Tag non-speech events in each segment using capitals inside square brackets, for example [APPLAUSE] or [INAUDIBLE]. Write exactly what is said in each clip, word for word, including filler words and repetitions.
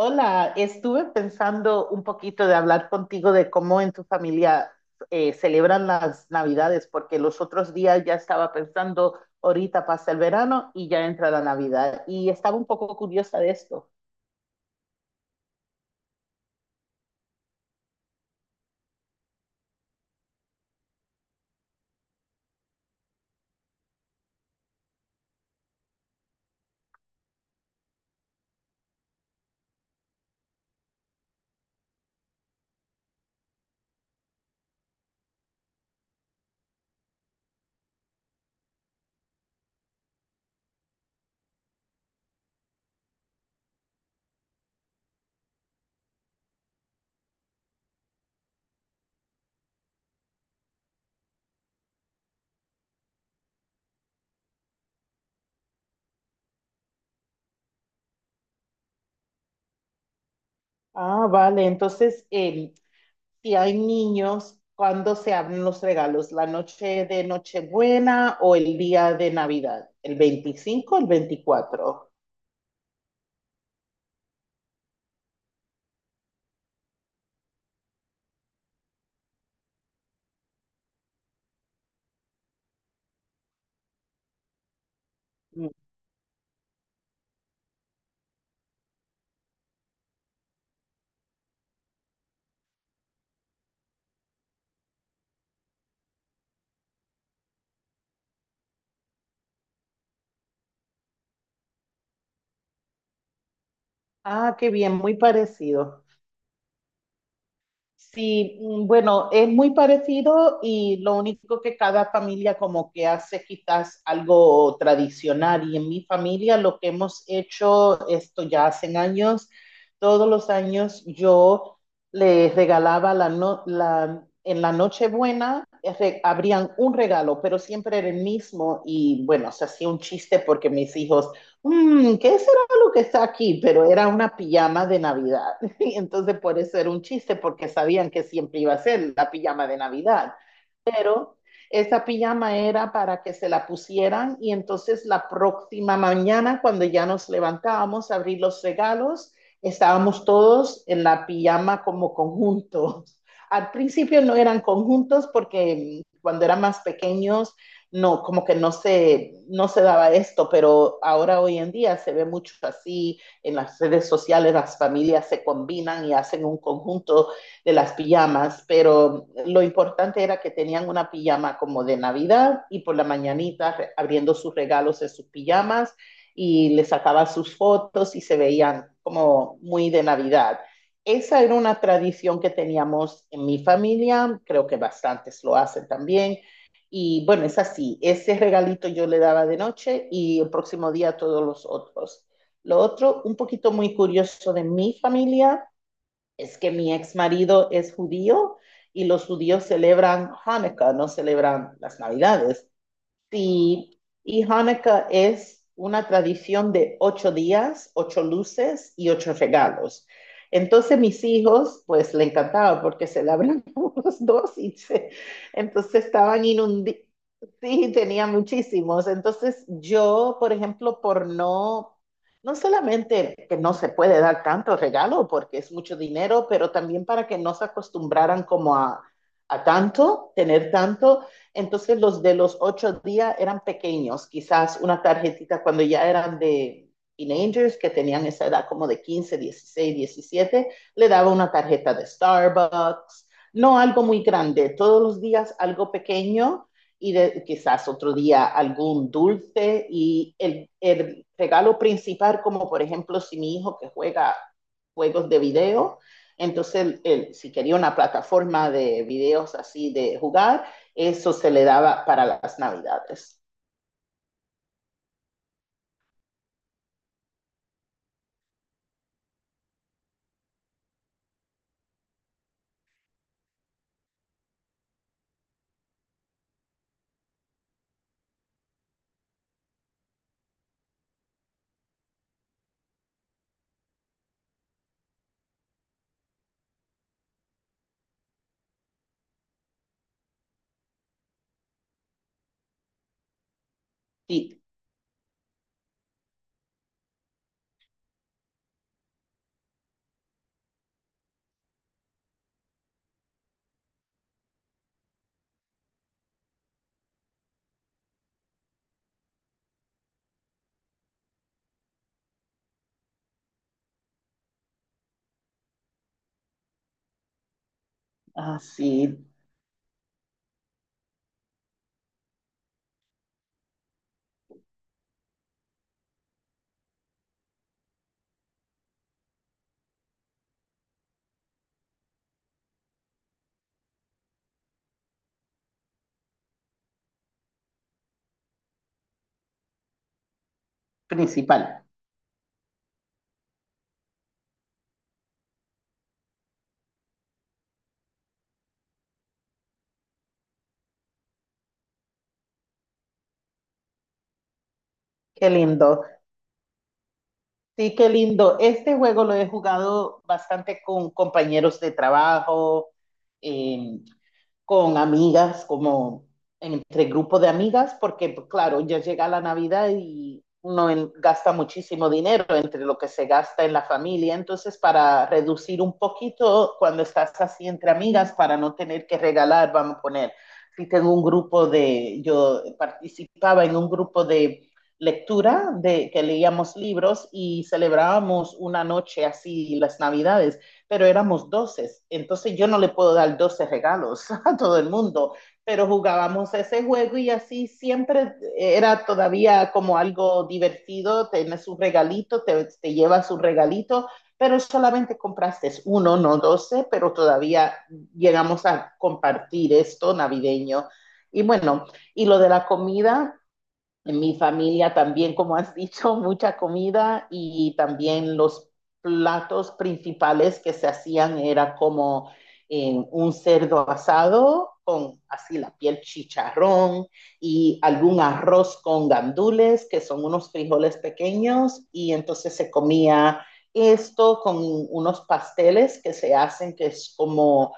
Hola, estuve pensando un poquito de hablar contigo de cómo en tu familia eh, celebran las Navidades, porque los otros días ya estaba pensando, ahorita pasa el verano y ya entra la Navidad, y estaba un poco curiosa de esto. Ah, vale, entonces, eh, si hay niños, ¿cuándo se abren los regalos? ¿La noche de Nochebuena o el día de Navidad? ¿El veinticinco o el veinticuatro? Mm. Ah, qué bien, muy parecido. Sí, mm, bueno, es muy parecido y lo único que cada familia como que hace quizás algo tradicional y en mi familia lo que hemos hecho esto ya hace años, todos los años yo les regalaba la no- la, en la Nochebuena eh, re- abrían un regalo, pero siempre era el mismo y bueno, se hacía un chiste porque mis hijos, "Mm, ¿qué será lo que está aquí?". Pero era una pijama de Navidad. [LAUGHS] Y entonces por eso era un chiste, porque sabían que siempre iba a ser la pijama de Navidad. Pero esa pijama era para que se la pusieran y entonces la próxima mañana, cuando ya nos levantábamos a abrir los regalos, estábamos todos en la pijama como conjuntos. Al principio no eran conjuntos porque mm, cuando eran más pequeños no, como que no se, no se daba esto, pero ahora hoy en día se ve mucho así en las redes sociales las familias se combinan y hacen un conjunto de las pijamas, pero lo importante era que tenían una pijama como de Navidad y por la mañanita abriendo sus regalos de sus pijamas y les sacaba sus fotos y se veían como muy de Navidad. Esa era una tradición que teníamos en mi familia, creo que bastantes lo hacen también. Y bueno, es así, ese regalito yo le daba de noche y el próximo día todos los otros. Lo otro, un poquito muy curioso de mi familia, es que mi ex marido es judío y los judíos celebran Hanukkah, no celebran las Navidades. Sí, y Hanukkah es una tradición de ocho días, ocho luces y ocho regalos. Entonces mis hijos, pues le encantaba porque celebran [LAUGHS] los dos y se- entonces estaban inundados, sí, tenía muchísimos. Entonces yo, por ejemplo, por no, no solamente que no se puede dar tanto regalo porque es mucho dinero, pero también para que no se acostumbraran como a, a tanto, tener tanto. Entonces los de los ocho días eran pequeños, quizás una tarjetita cuando ya eran de teenagers que tenían esa edad como de quince, dieciséis, diecisiete, le daba una tarjeta de Starbucks, no algo muy grande, todos los días algo pequeño y de, quizás otro día algún dulce y el, el regalo principal, como por ejemplo si mi hijo que juega juegos de video, entonces, él, si quería una plataforma de videos así de jugar, eso se le daba para las Navidades. Sí, así, principal. Qué lindo. Sí, qué lindo. Este juego lo he jugado bastante con compañeros de trabajo, eh, con amigas, como entre grupos de amigas, porque pues, claro, ya llega la Navidad y uno en- gasta muchísimo dinero entre lo que se gasta en la familia, entonces para reducir un poquito cuando estás así entre amigas, para no tener que regalar, vamos a poner, si tengo un grupo de, yo participaba en un grupo de lectura de que leíamos libros y celebrábamos una noche así las Navidades, pero éramos doce. Entonces yo no le puedo dar doce regalos [LAUGHS] a todo el mundo, pero jugábamos ese juego y así siempre eh, era todavía como algo divertido, tienes un regalito, te, te llevas un regalito, pero solamente compraste uno, no doce, pero todavía llegamos a compartir esto navideño. Y bueno, y lo de la comida, en mi familia también, como has dicho, [LAUGHS] mucha comida y también los platos principales que se hacían era como eh, un cerdo asado con así la piel chicharrón y algún arroz con gandules, que son unos frijoles pequeños, y entonces se comía esto con unos pasteles que se hacen, que es como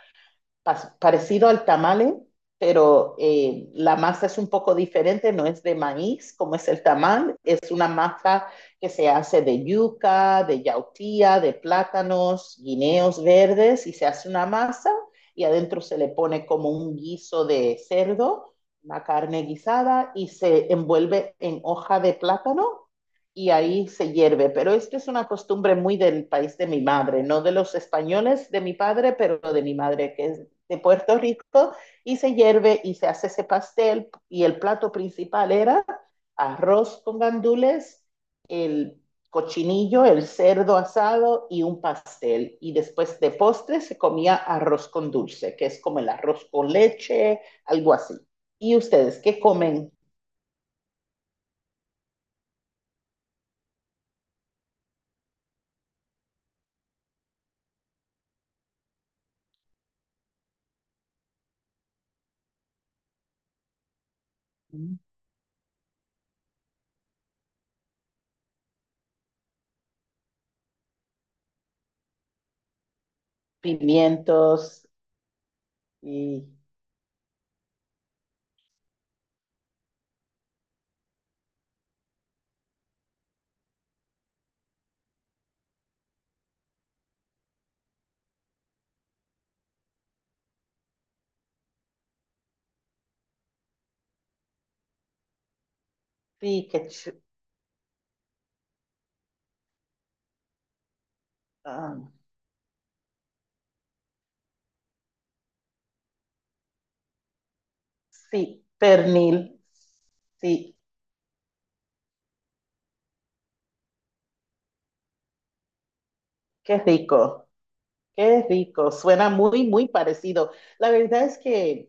pas- parecido al tamale, pero eh, la masa es un poco diferente, no es de maíz como es el tamal, es una masa que se hace de yuca, de yautía, de plátanos, guineos verdes y se hace una masa y adentro se le pone como un guiso de cerdo, una carne guisada y se envuelve en hoja de plátano y ahí se hierve. Pero esto es una costumbre muy del país de mi madre, no de los españoles de mi padre, pero de mi madre, que es de Puerto Rico, y se hierve y se hace ese pastel, y el plato principal era arroz con gandules, el cochinillo, el cerdo asado y un pastel. Y después de postre se comía arroz con dulce, que es como el arroz con leche, algo así. ¿Y ustedes qué comen? Pimientos y, y que, um, sí, pernil. Sí, qué rico. Qué rico, suena muy, muy parecido. La verdad es que,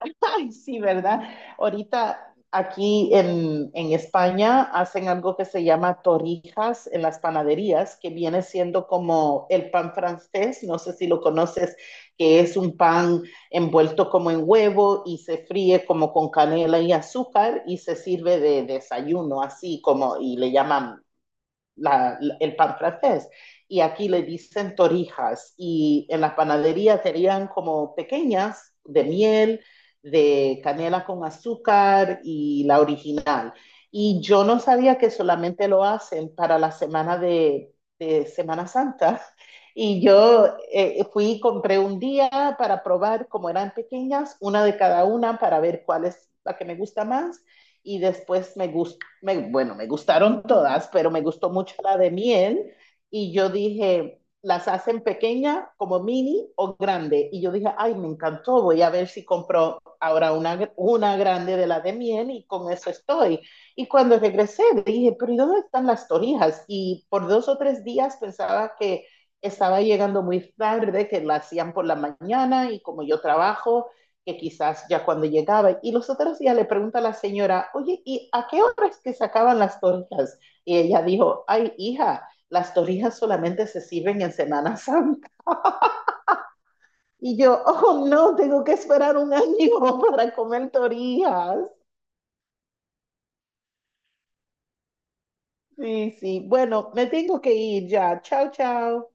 [LAUGHS] ay, sí, ¿verdad? Ahorita aquí en, en España hacen algo que se llama torrijas en las panaderías, que viene siendo como el pan francés, no sé si lo conoces, que es un pan envuelto como en huevo y se fríe como con canela y azúcar y se sirve de desayuno, así como, y le llaman la, el pan francés. Y aquí le dicen torijas. Y en las panaderías serían como pequeñas, de miel, de canela con azúcar y la original. Y yo no sabía que solamente lo hacen para la semana de, de Semana Santa. Y yo eh, eh, fui y compré un día para probar, como eran pequeñas, una de cada una para ver cuál es la que me gusta más. Y después me, gus- me, bueno, me gustaron todas, pero me gustó mucho la de miel y yo dije, las hacen pequeña, como mini o grande. Y yo dije, ay, me encantó, voy a ver si compro ahora una, una grande de la de miel y con eso estoy. Y cuando regresé dije, pero ¿y dónde están las torrijas? Y por dos o tres días pensaba que estaba llegando muy tarde, que la hacían por la mañana y como yo trabajo, que quizás ya cuando llegaba, y los otros días le pregunta a la señora, oye, ¿y a qué hora es que sacaban las torrijas? Y ella dijo, ay, hija, las torrijas solamente se sirven en Semana Santa. Y yo, oh, no, tengo que esperar un año [LAUGHS] para comer torrijas. Sí, sí, bueno, me tengo que ir ya. Chao, chao.